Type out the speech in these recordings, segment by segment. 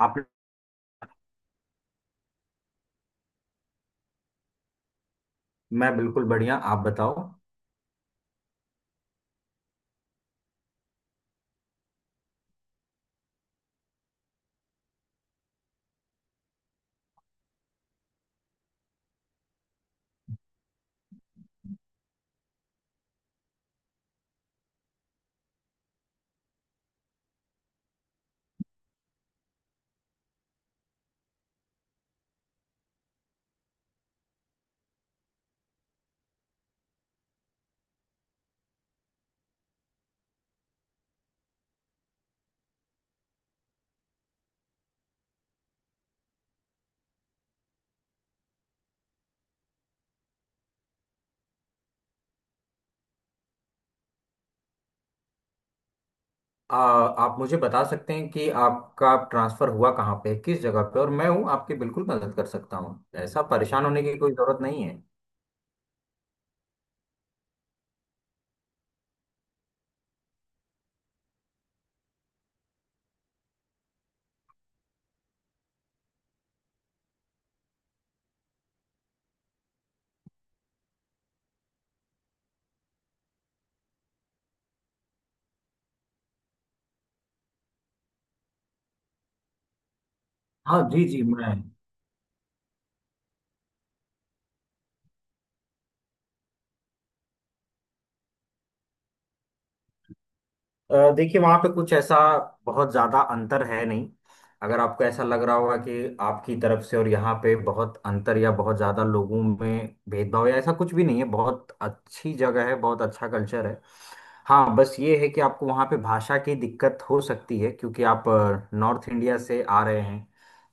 आप? मैं बिल्कुल बढ़िया, आप बताओ। आप मुझे बता सकते हैं कि आपका ट्रांसफर हुआ कहाँ पे, किस जगह पे, और मैं हूँ, आपकी बिल्कुल मदद कर सकता हूँ। ऐसा परेशान होने की कोई जरूरत नहीं है। हाँ जी जी, मैं देखिए, वहाँ पे कुछ ऐसा बहुत ज़्यादा अंतर है नहीं। अगर आपको ऐसा लग रहा होगा कि आपकी तरफ से और यहाँ पे बहुत अंतर या बहुत ज़्यादा लोगों में भेदभाव या ऐसा, कुछ भी नहीं है। बहुत अच्छी जगह है, बहुत अच्छा कल्चर है। हाँ, बस ये है कि आपको वहाँ पे भाषा की दिक्कत हो सकती है, क्योंकि आप नॉर्थ इंडिया से आ रहे हैं।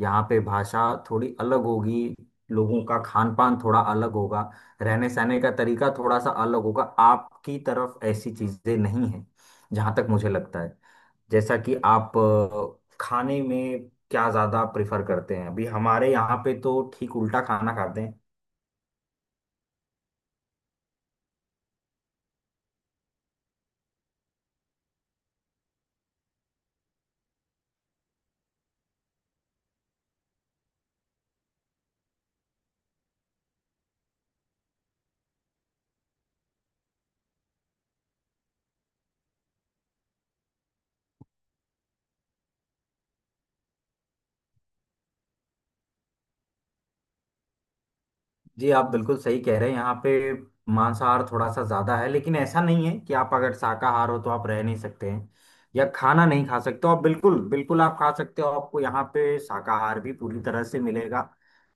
यहाँ पे भाषा थोड़ी अलग होगी, लोगों का खान पान थोड़ा अलग होगा, रहने सहने का तरीका थोड़ा सा अलग होगा, आपकी तरफ ऐसी चीज़ें नहीं है, जहाँ तक मुझे लगता है। जैसा कि आप खाने में क्या ज़्यादा प्रेफर करते हैं, अभी हमारे यहाँ पे तो ठीक उल्टा खाना खाते हैं। जी, आप बिल्कुल सही कह रहे हैं, यहाँ पे मांसाहार थोड़ा सा ज्यादा है, लेकिन ऐसा नहीं है कि आप अगर शाकाहार हो तो आप रह नहीं सकते हैं या खाना नहीं खा सकते हो। आप बिल्कुल बिल्कुल आप खा सकते हो, आपको यहाँ पे शाकाहार भी पूरी तरह से मिलेगा।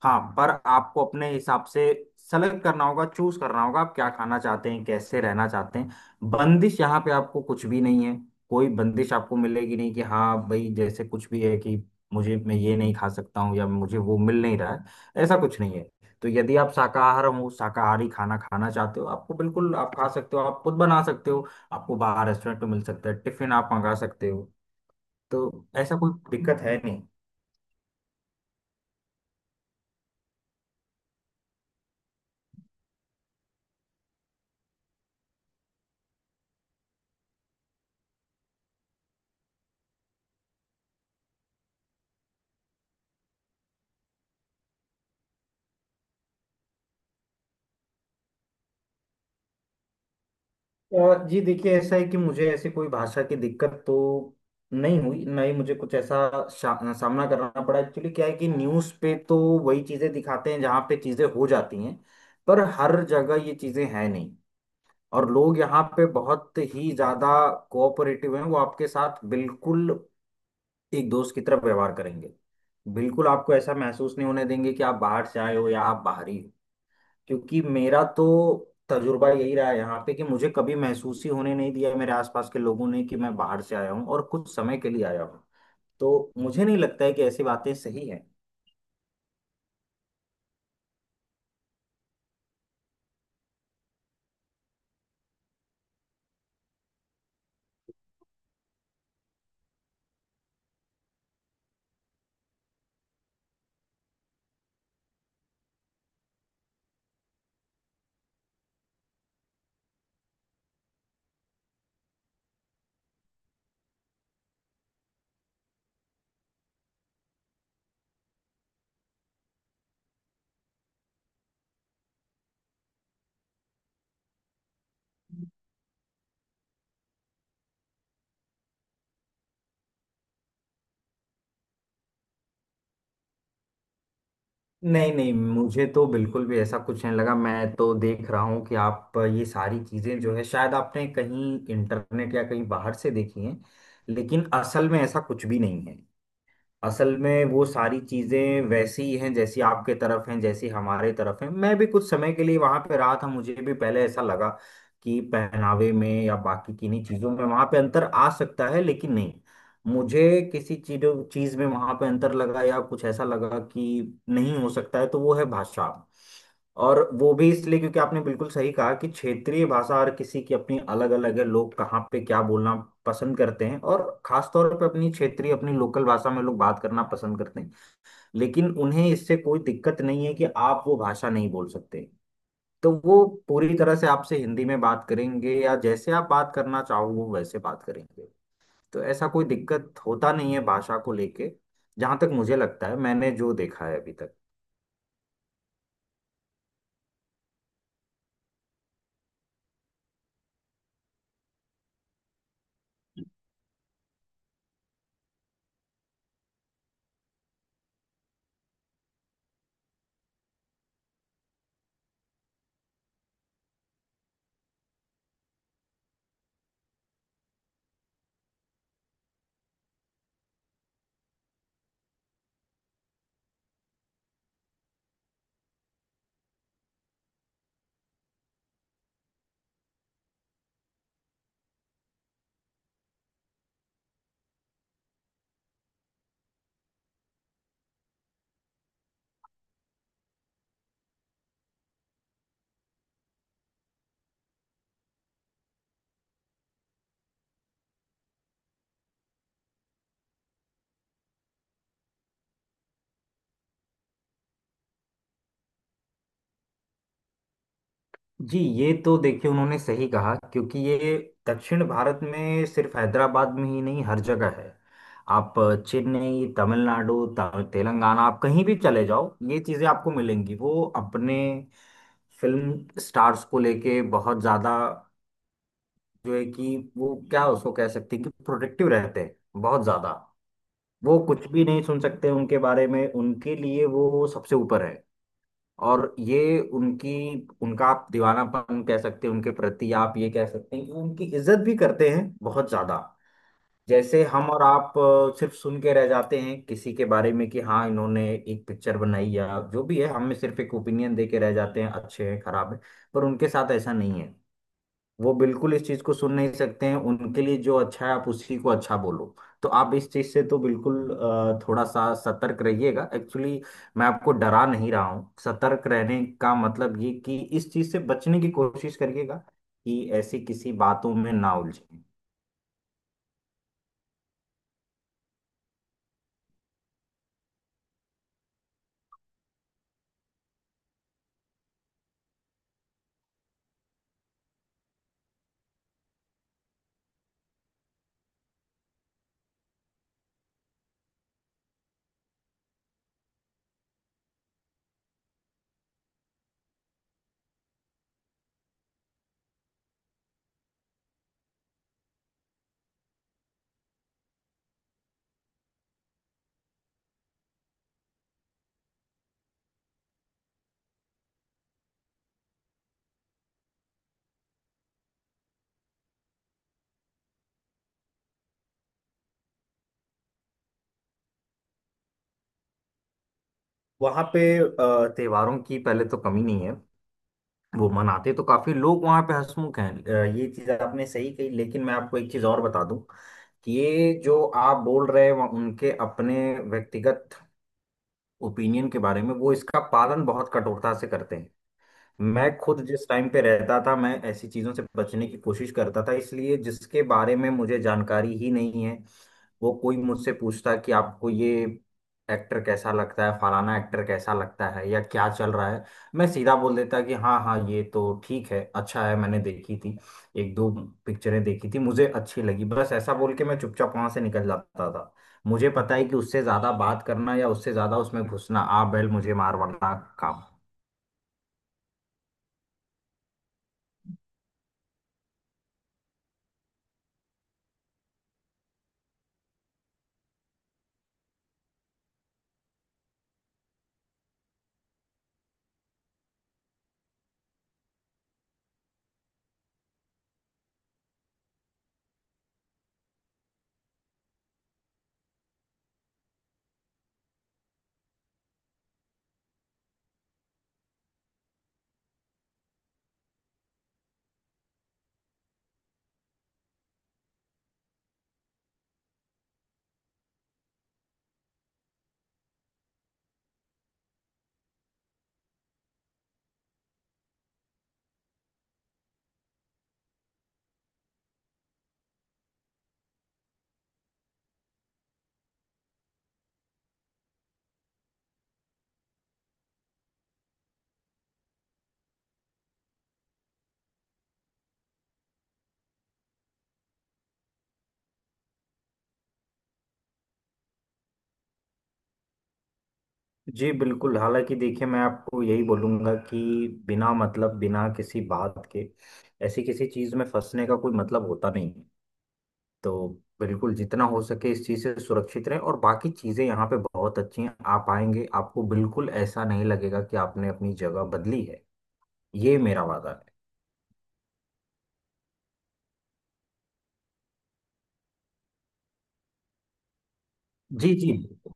हाँ, पर आपको अपने हिसाब से सेलेक्ट करना होगा, चूज करना होगा, आप क्या खाना चाहते हैं, कैसे रहना चाहते हैं। बंदिश यहाँ पे आपको कुछ भी नहीं है, कोई बंदिश आपको मिलेगी नहीं कि हाँ भाई, जैसे कुछ भी है कि मुझे मैं ये नहीं खा सकता हूँ या मुझे वो मिल नहीं रहा है, ऐसा कुछ नहीं है। तो यदि आप शाकाहार हो, शाकाहारी खाना खाना चाहते हो, आपको बिल्कुल आप खा सकते हो, आप खुद बना सकते हो, आपको बाहर रेस्टोरेंट में मिल सकता है, टिफिन आप मंगा सकते हो। तो ऐसा कोई दिक्कत है नहीं। और जी देखिए, ऐसा है कि मुझे ऐसी कोई भाषा की दिक्कत तो नहीं हुई, ना ही मुझे कुछ ऐसा सामना करना पड़ा। एक्चुअली क्या है कि न्यूज़ पे तो वही चीज़ें दिखाते हैं जहाँ पे चीज़ें हो जाती हैं, पर हर जगह ये चीज़ें हैं नहीं। और लोग यहाँ पे बहुत ही ज्यादा कोऑपरेटिव हैं, वो आपके साथ बिल्कुल एक दोस्त की तरह व्यवहार करेंगे। बिल्कुल आपको ऐसा महसूस नहीं होने देंगे कि आप बाहर से आए हो या आप बाहरी हो, क्योंकि मेरा तो तजुर्बा यही रहा है यहाँ पे कि मुझे कभी महसूस ही होने नहीं दिया मेरे आसपास के लोगों ने कि मैं बाहर से आया हूँ और कुछ समय के लिए आया हूँ। तो मुझे नहीं लगता है कि ऐसी बातें सही हैं। नहीं नहीं, मुझे तो बिल्कुल भी ऐसा कुछ नहीं लगा। मैं तो देख रहा हूँ कि आप ये सारी चीजें जो है, शायद आपने कहीं इंटरनेट या कहीं बाहर से देखी हैं, लेकिन असल में ऐसा कुछ भी नहीं है। असल में वो सारी चीजें वैसी ही हैं जैसी आपके तरफ हैं, जैसी हमारे तरफ हैं। मैं भी कुछ समय के लिए वहां पे रहा था, मुझे भी पहले ऐसा लगा कि पहनावे में या बाकी किन्हीं चीजों में वहां पे अंतर आ सकता है, लेकिन नहीं। मुझे किसी चीज चीज में वहां पे अंतर लगा या कुछ ऐसा लगा कि नहीं, हो सकता है तो वो है भाषा। और वो भी इसलिए क्योंकि आपने बिल्कुल सही कहा कि क्षेत्रीय भाषा हर किसी की अपनी अलग अलग है, लोग कहाँ पे क्या बोलना पसंद करते हैं, और खास तौर पे अपनी क्षेत्रीय, अपनी लोकल भाषा में लोग बात करना पसंद करते हैं। लेकिन उन्हें इससे कोई दिक्कत नहीं है कि आप वो भाषा नहीं बोल सकते। तो वो पूरी तरह से आपसे हिंदी में बात करेंगे या जैसे आप बात करना चाहो वो वैसे बात करेंगे। तो ऐसा कोई दिक्कत होता नहीं है भाषा को लेके, जहां तक मुझे लगता है, मैंने जो देखा है अभी तक। जी, ये तो देखिए, उन्होंने सही कहा, क्योंकि ये दक्षिण भारत में सिर्फ हैदराबाद में ही नहीं, हर जगह है। आप चेन्नई, तमिलनाडु, तेलंगाना, आप कहीं भी चले जाओ, ये चीज़ें आपको मिलेंगी। वो अपने फिल्म स्टार्स को लेके बहुत ज़्यादा जो है कि, वो क्या उसको कह सकते हैं कि प्रोटेक्टिव रहते हैं, बहुत ज़्यादा। वो कुछ भी नहीं सुन सकते उनके बारे में, उनके लिए वो सबसे ऊपर है। और ये उनकी, उनका आप दीवानापन कह सकते हैं, उनके प्रति आप ये कह सकते हैं कि वो उनकी इज्जत भी करते हैं बहुत ज्यादा। जैसे हम और आप सिर्फ सुन के रह जाते हैं किसी के बारे में कि हाँ, इन्होंने एक पिक्चर बनाई या जो भी है, हम में सिर्फ एक ओपिनियन दे के रह जाते हैं, अच्छे हैं, खराब है। पर उनके साथ ऐसा नहीं है। वो बिल्कुल इस चीज को सुन नहीं सकते हैं, उनके लिए जो अच्छा है आप उसी को अच्छा बोलो। तो आप इस चीज से तो बिल्कुल थोड़ा सा सतर्क रहिएगा। एक्चुअली मैं आपको डरा नहीं रहा हूँ, सतर्क रहने का मतलब ये कि इस चीज से बचने की कोशिश करिएगा कि ऐसी किसी बातों में ना उलझे। वहां पे त्योहारों की पहले तो कमी नहीं है, वो मनाते तो काफी, लोग वहां पे हंसमुख हैं, ये चीज आपने सही कही। लेकिन मैं आपको एक चीज और बता दूं कि ये जो आप बोल रहे हैं वहाँ, उनके अपने व्यक्तिगत ओपिनियन के बारे में, वो इसका पालन बहुत कठोरता से करते हैं। मैं खुद जिस टाइम पे रहता था, मैं ऐसी चीजों से बचने की कोशिश करता था, इसलिए जिसके बारे में मुझे जानकारी ही नहीं है, वो कोई मुझसे पूछता कि आपको ये एक्टर कैसा लगता है, फलाना एक्टर कैसा लगता है, या क्या चल रहा है, मैं सीधा बोल देता कि हाँ हाँ, ये तो ठीक है, अच्छा है, मैंने देखी थी एक दो पिक्चरें, देखी थी, मुझे अच्छी लगी। बस ऐसा बोल के मैं चुपचाप वहां से निकल जाता था। मुझे पता है कि उससे ज्यादा बात करना या उससे ज्यादा उसमें घुसना आ बैल मुझे मार वाला काम। जी बिल्कुल। हालांकि देखिए, मैं आपको यही बोलूंगा कि बिना मतलब, बिना किसी बात के, ऐसी किसी चीज़ में फंसने का कोई मतलब होता नहीं है। तो बिल्कुल जितना हो सके इस चीज़ से सुरक्षित रहें, और बाकी चीज़ें यहाँ पे बहुत अच्छी हैं। आप आएंगे, आपको बिल्कुल ऐसा नहीं लगेगा कि आपने अपनी जगह बदली है। ये मेरा वादा है। जी जी, बिल्कुल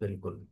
बिल्कुल।